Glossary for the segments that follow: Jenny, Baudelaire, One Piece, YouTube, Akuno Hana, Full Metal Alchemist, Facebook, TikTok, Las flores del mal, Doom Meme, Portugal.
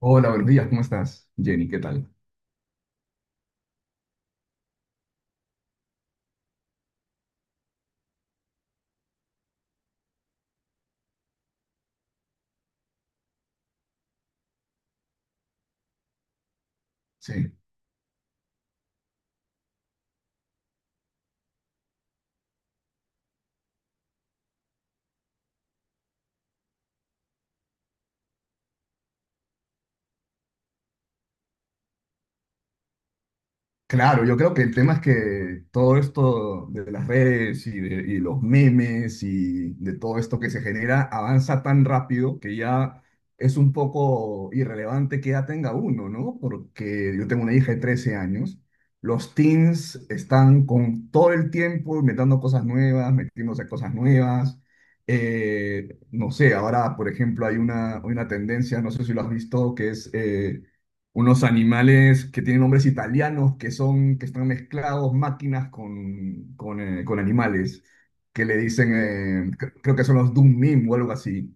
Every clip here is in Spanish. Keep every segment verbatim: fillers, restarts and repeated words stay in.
Hola, buenos días, ¿cómo estás, Jenny? ¿Qué tal? Sí, claro, yo creo que el tema es que todo esto de las redes y, de, y los memes y de todo esto que se genera avanza tan rápido que ya es un poco irrelevante que ya tenga uno, ¿no? Porque yo tengo una hija de trece años. Los teens están con todo el tiempo inventando cosas nuevas, metiéndose cosas nuevas. Eh, no sé, ahora, por ejemplo, hay una, hay una, tendencia, no sé si lo has visto, que es... eh, unos animales que tienen nombres italianos, que son, que están mezclados máquinas con, con, eh, con animales, que le dicen, eh, cre- creo que son los Doom Meme o algo así.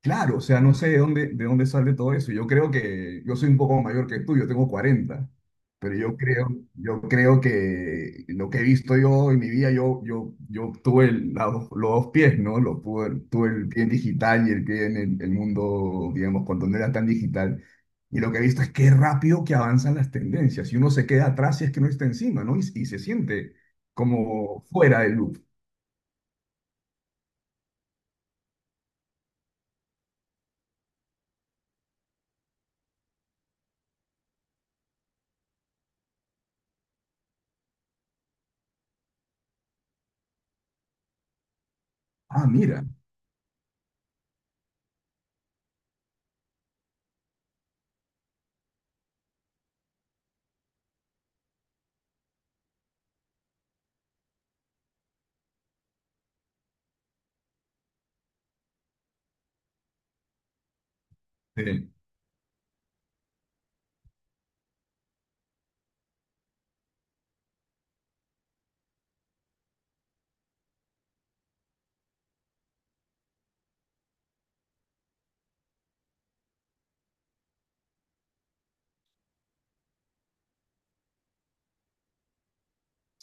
Claro, o sea, no sé de dónde, de dónde, sale todo eso. Yo creo que yo soy un poco mayor que tú, yo tengo cuarenta, pero yo creo, yo creo que lo que he visto yo en mi vida, yo, yo, yo tuve el- la dos- los dos pies, ¿no? Lo, tuve, tuve el pie en digital y el pie en el, el mundo, digamos, cuando no era tan digital. Y lo que he visto es qué rápido que avanzan las tendencias y uno se queda atrás y es que no está encima, ¿no? Y, y se siente como fuera del loop. Ah, mira. Sí.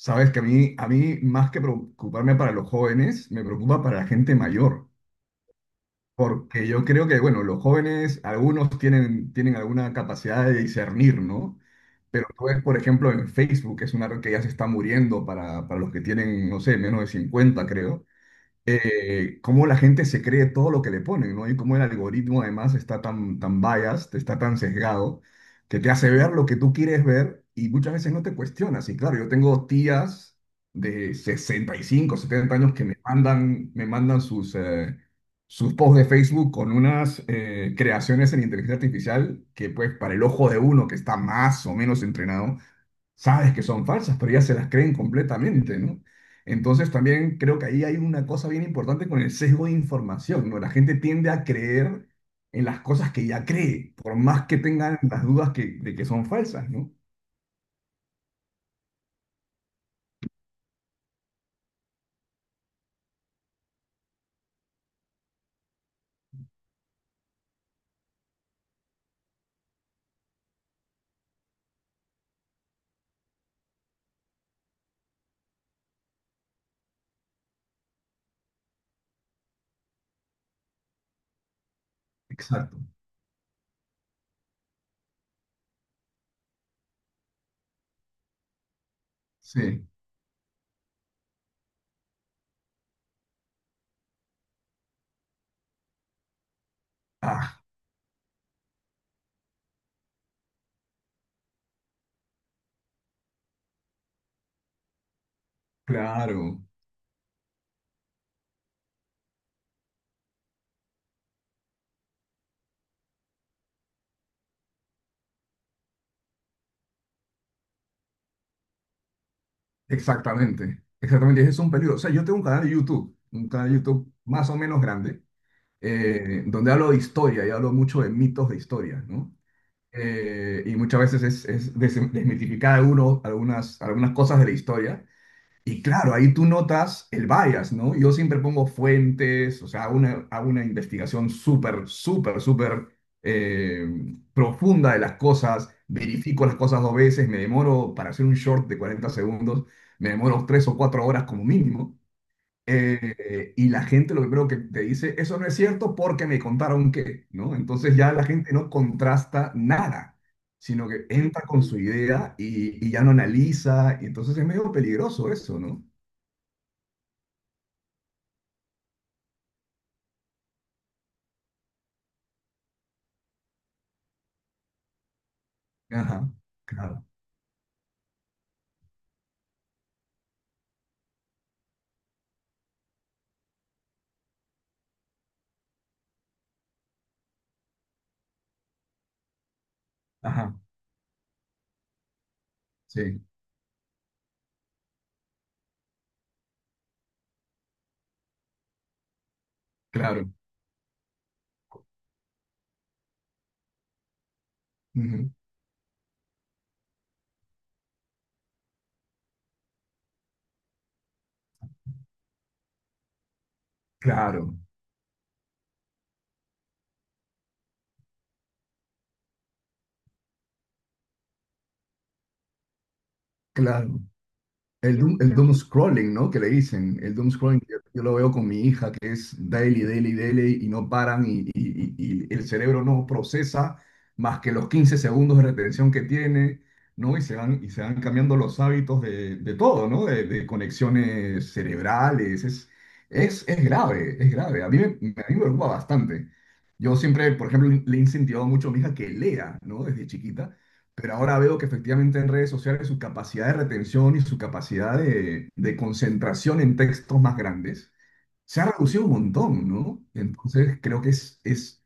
Sabes que a mí, a mí, más que preocuparme para los jóvenes, me preocupa para la gente mayor, porque yo creo que, bueno, los jóvenes, algunos tienen, tienen alguna capacidad de discernir, ¿no? Pero tú ves, por ejemplo, en Facebook, que es una red que ya se está muriendo para, para los que tienen, no sé, menos de cincuenta, creo, eh, cómo la gente se cree todo lo que le ponen, ¿no? Y cómo el algoritmo además está tan, tan biased, está tan sesgado, que te hace ver lo que tú quieres ver y muchas veces no te cuestionas. Y claro, yo tengo tías de sesenta y cinco, setenta años que me mandan, me mandan sus, eh, sus posts de Facebook con unas eh, creaciones en inteligencia artificial que pues para el ojo de uno que está más o menos entrenado, sabes que son falsas, pero ya se las creen completamente, ¿no? Entonces también creo que ahí hay una cosa bien importante con el sesgo de información, ¿no? La gente tiende a creer en las cosas que ya cree, por más que tengan las dudas que, de que son falsas, ¿no? Exacto. Sí. Ah, claro. Exactamente. Exactamente. Ese es un peligro. O sea, yo tengo un canal de YouTube, un canal de YouTube más o menos grande, eh, donde hablo de historia y hablo mucho de mitos de historia, ¿no? eh, y muchas veces es, es des- desmitificar algunos, algunas, algunas cosas de la historia. Y claro, ahí tú notas el bias, ¿no? Yo siempre pongo fuentes, o sea, hago una, hago una investigación súper, súper, súper eh, profunda de las cosas, verifico las cosas dos veces, me demoro para hacer un short de cuarenta segundos, me demoro tres o cuatro horas como mínimo. Eh, y la gente lo primero que te dice, eso no es cierto porque me contaron que, ¿no? Entonces ya la gente no contrasta nada, sino que entra con su idea y, y ya no analiza, y entonces es medio peligroso eso, ¿no? Ajá, claro, ajá, sí, claro, ujú, claro, claro. El doom, el doom scrolling, ¿no? Que le dicen. El doom scrolling, yo, yo lo veo con mi hija, que es daily, daily, daily, y no paran, y, y- y- y el cerebro no procesa más que los quince segundos de retención que tiene, ¿no? Y se van, y se van cambiando los hábitos de, de todo, ¿no? De, de conexiones cerebrales. Es, es, es grave, es grave. A mí me, me- a mí me preocupa bastante. Yo siempre, por ejemplo, le he incentivado mucho a mi hija que lea, ¿no? Desde chiquita, pero ahora veo que efectivamente en redes sociales su capacidad de retención y su capacidad de, de concentración en textos más grandes se ha reducido un montón, ¿no? Entonces creo que es, es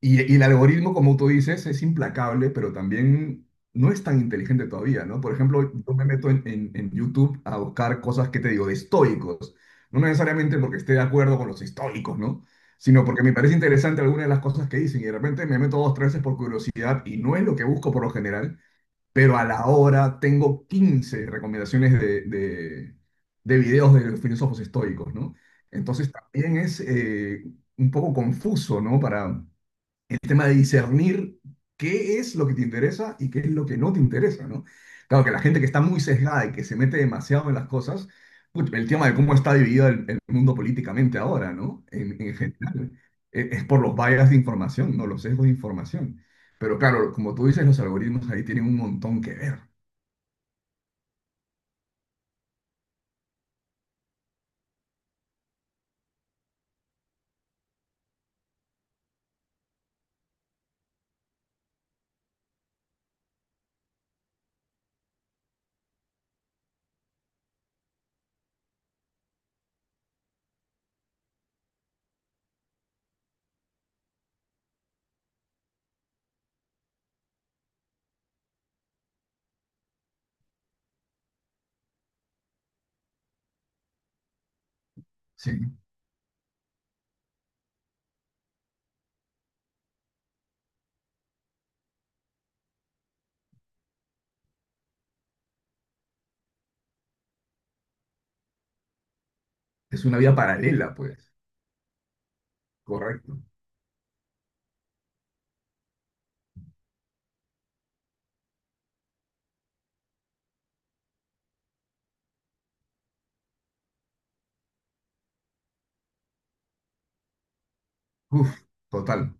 y, y el algoritmo, como tú dices, es implacable, pero también no es tan inteligente todavía, ¿no? Por ejemplo, yo me meto en, en- en YouTube a buscar cosas que te digo, de estoicos, no necesariamente porque esté de acuerdo con los estoicos, ¿no? Sino porque me parece interesante alguna de las cosas que dicen y de repente me meto dos, tres veces por curiosidad y no es lo que busco por lo general, pero a la hora tengo quince recomendaciones de, de, de videos de los filósofos estoicos, ¿no? Entonces también es eh, un poco confuso, ¿no? Para el tema de discernir qué es lo que te interesa y qué es lo que no te interesa, ¿no? Claro que la gente que está muy sesgada y que se mete demasiado en las cosas, put, el tema de cómo está dividido el, el mundo políticamente ahora, ¿no? En, en general, e- es, por los bias de información, ¿no? Los sesgos de información. Pero claro, como tú dices, los algoritmos ahí tienen un montón que ver, ¿sí? Es una vida paralela, pues. Correcto. Uf, total.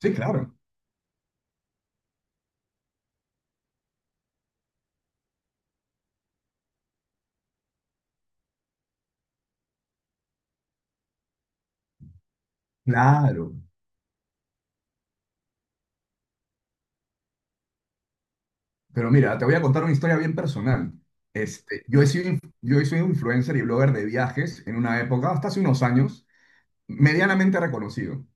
Sí, claro. Claro. Pero mira, te voy a contar una historia bien personal. Este, yo he sido, inf- yo soy un influencer y blogger de viajes en una época, hasta hace unos años, medianamente reconocido.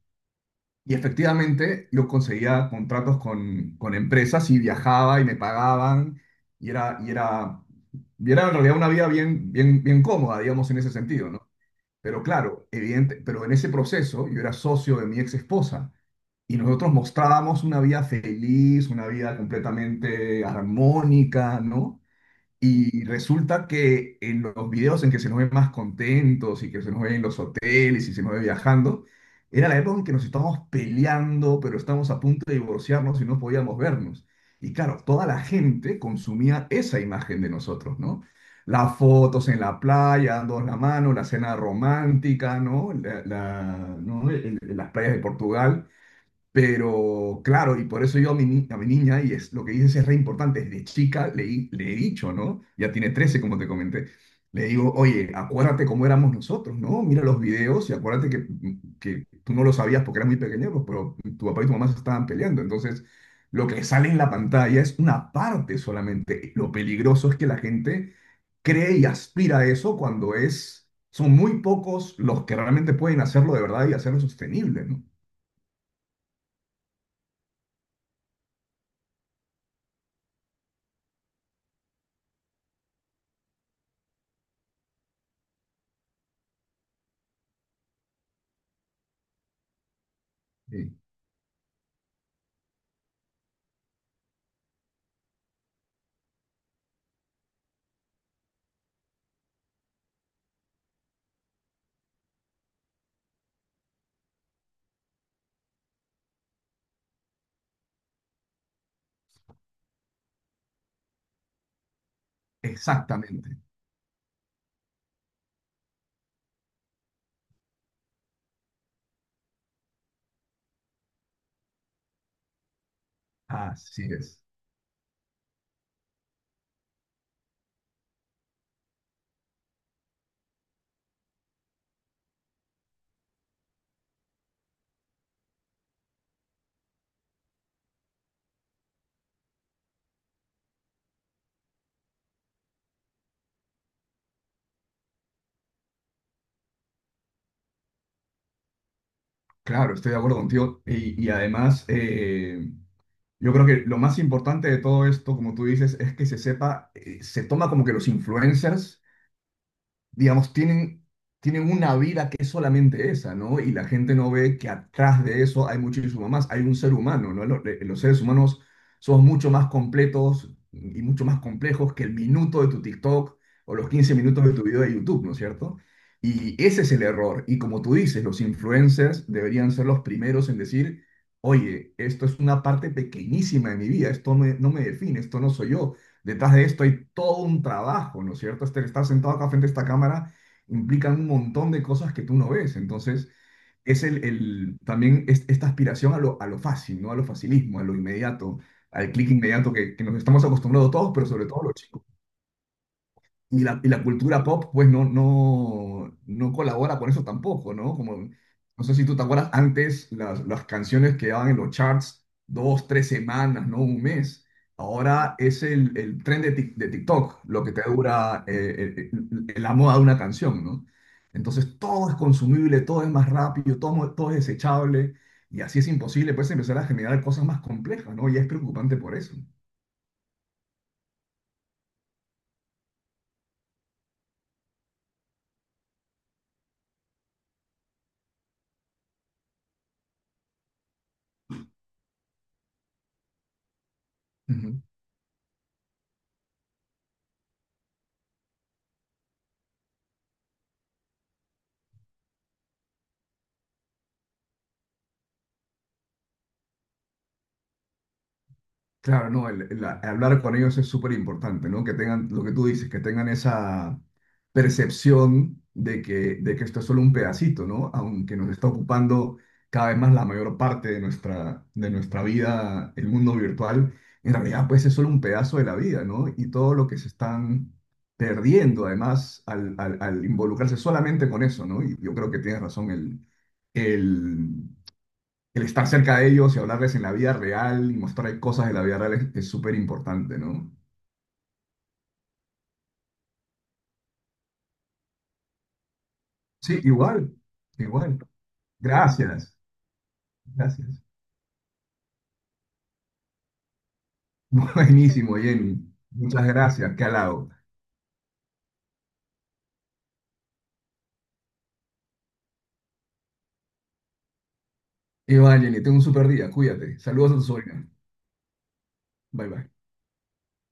Y efectivamente yo conseguía contratos con, con empresas y viajaba y me pagaban y era, y era, y era en realidad una vida bien, bien, bien cómoda, digamos, en ese sentido, ¿no? Pero claro, evidente, pero en ese proceso yo era socio de mi ex esposa y nosotros mostrábamos una vida feliz, una vida completamente armónica, ¿no? Y resulta que en los videos en que se nos ve más contentos y que se nos ve en los hoteles y se nos ve viajando, era la época en que nos estábamos peleando, pero estábamos a punto de divorciarnos y no podíamos vernos. Y claro, toda la gente consumía esa imagen de nosotros, ¿no? Las fotos en la playa, dando la mano, la cena romántica, ¿no? La- la- ¿no? El- el- las playas de Portugal. Pero claro, y por eso yo a mi, ni- a mi niña, y es lo que dices, es re importante, desde chica le, he- le he dicho, ¿no? Ya tiene trece, como te comenté. Le digo, oye, acuérdate cómo éramos nosotros, ¿no? Mira los videos y acuérdate que, que tú no lo sabías porque eras muy pequeño, pues, pero tu papá y tu mamá se estaban peleando. Entonces, lo que sale en la pantalla es una parte solamente. Lo peligroso es que la gente cree y aspira a eso cuando es, son muy pocos los que realmente pueden hacerlo de verdad y hacerlo sostenible, ¿no? Sí. Exactamente, así es. Claro, estoy de acuerdo contigo. Y, y además, eh, yo creo que lo más importante de todo esto, como tú dices, es que se sepa. Eh, se toma como que los influencers, digamos, tienen, tienen una vida que es solamente esa, ¿no? Y la gente no ve que atrás de eso hay muchísimo más, hay un ser humano, ¿no? Lo- le- Los, seres humanos somos mucho más completos y mucho más complejos que el minuto de tu TikTok o los quince minutos de tu video de YouTube, ¿no es cierto? Y ese es el error. Y como tú dices, los influencers deberían ser los primeros en decir, oye, esto es una parte pequeñísima de mi vida, esto me- no me define, esto no soy yo. Detrás de esto hay todo un trabajo, ¿no es cierto? Este- estar sentado acá frente a esta cámara implica un montón de cosas que tú no ves. Entonces, es el, el- también es- esta aspiración a lo, a lo fácil, ¿no? A lo facilismo, a lo inmediato, al clic inmediato que, que nos estamos acostumbrados todos, pero sobre todo los chicos y la, y la cultura pop, pues no, no, no colabora con eso tampoco, ¿no? Como, no sé si tú te acuerdas, antes las, las, canciones quedaban en los charts dos, tres semanas, ¿no? Un mes. Ahora es el, el tren de, Tik- de TikTok lo que te dura eh, el- el- la moda de una canción, ¿no? Entonces todo es consumible, todo es más rápido, todo, todo es desechable y así es imposible, pues, empezar a generar cosas más complejas, ¿no? Y es preocupante por eso. Claro, no, el, el a- hablar con ellos es súper importante, ¿no? Que tengan lo que tú dices, que tengan esa percepción de que, de que esto es solo un pedacito, ¿no? Aunque nos está ocupando cada vez más la mayor parte de nuestra, de nuestra vida, el mundo virtual, en realidad pues es solo un pedazo de la vida, ¿no? Y todo lo que se están perdiendo además al, al, al involucrarse solamente con eso, ¿no? Y yo creo que tienes razón, el, el, el estar cerca de ellos y hablarles en la vida real y mostrarles cosas de la vida real es súper importante, ¿no? Sí, igual, igual. Gracias, gracias. Buenísimo, Jenny. Muchas gracias, qué halago. Y va, Jenny, tengo un súper día, cuídate. Saludos a tu sobrina. Bye, bye.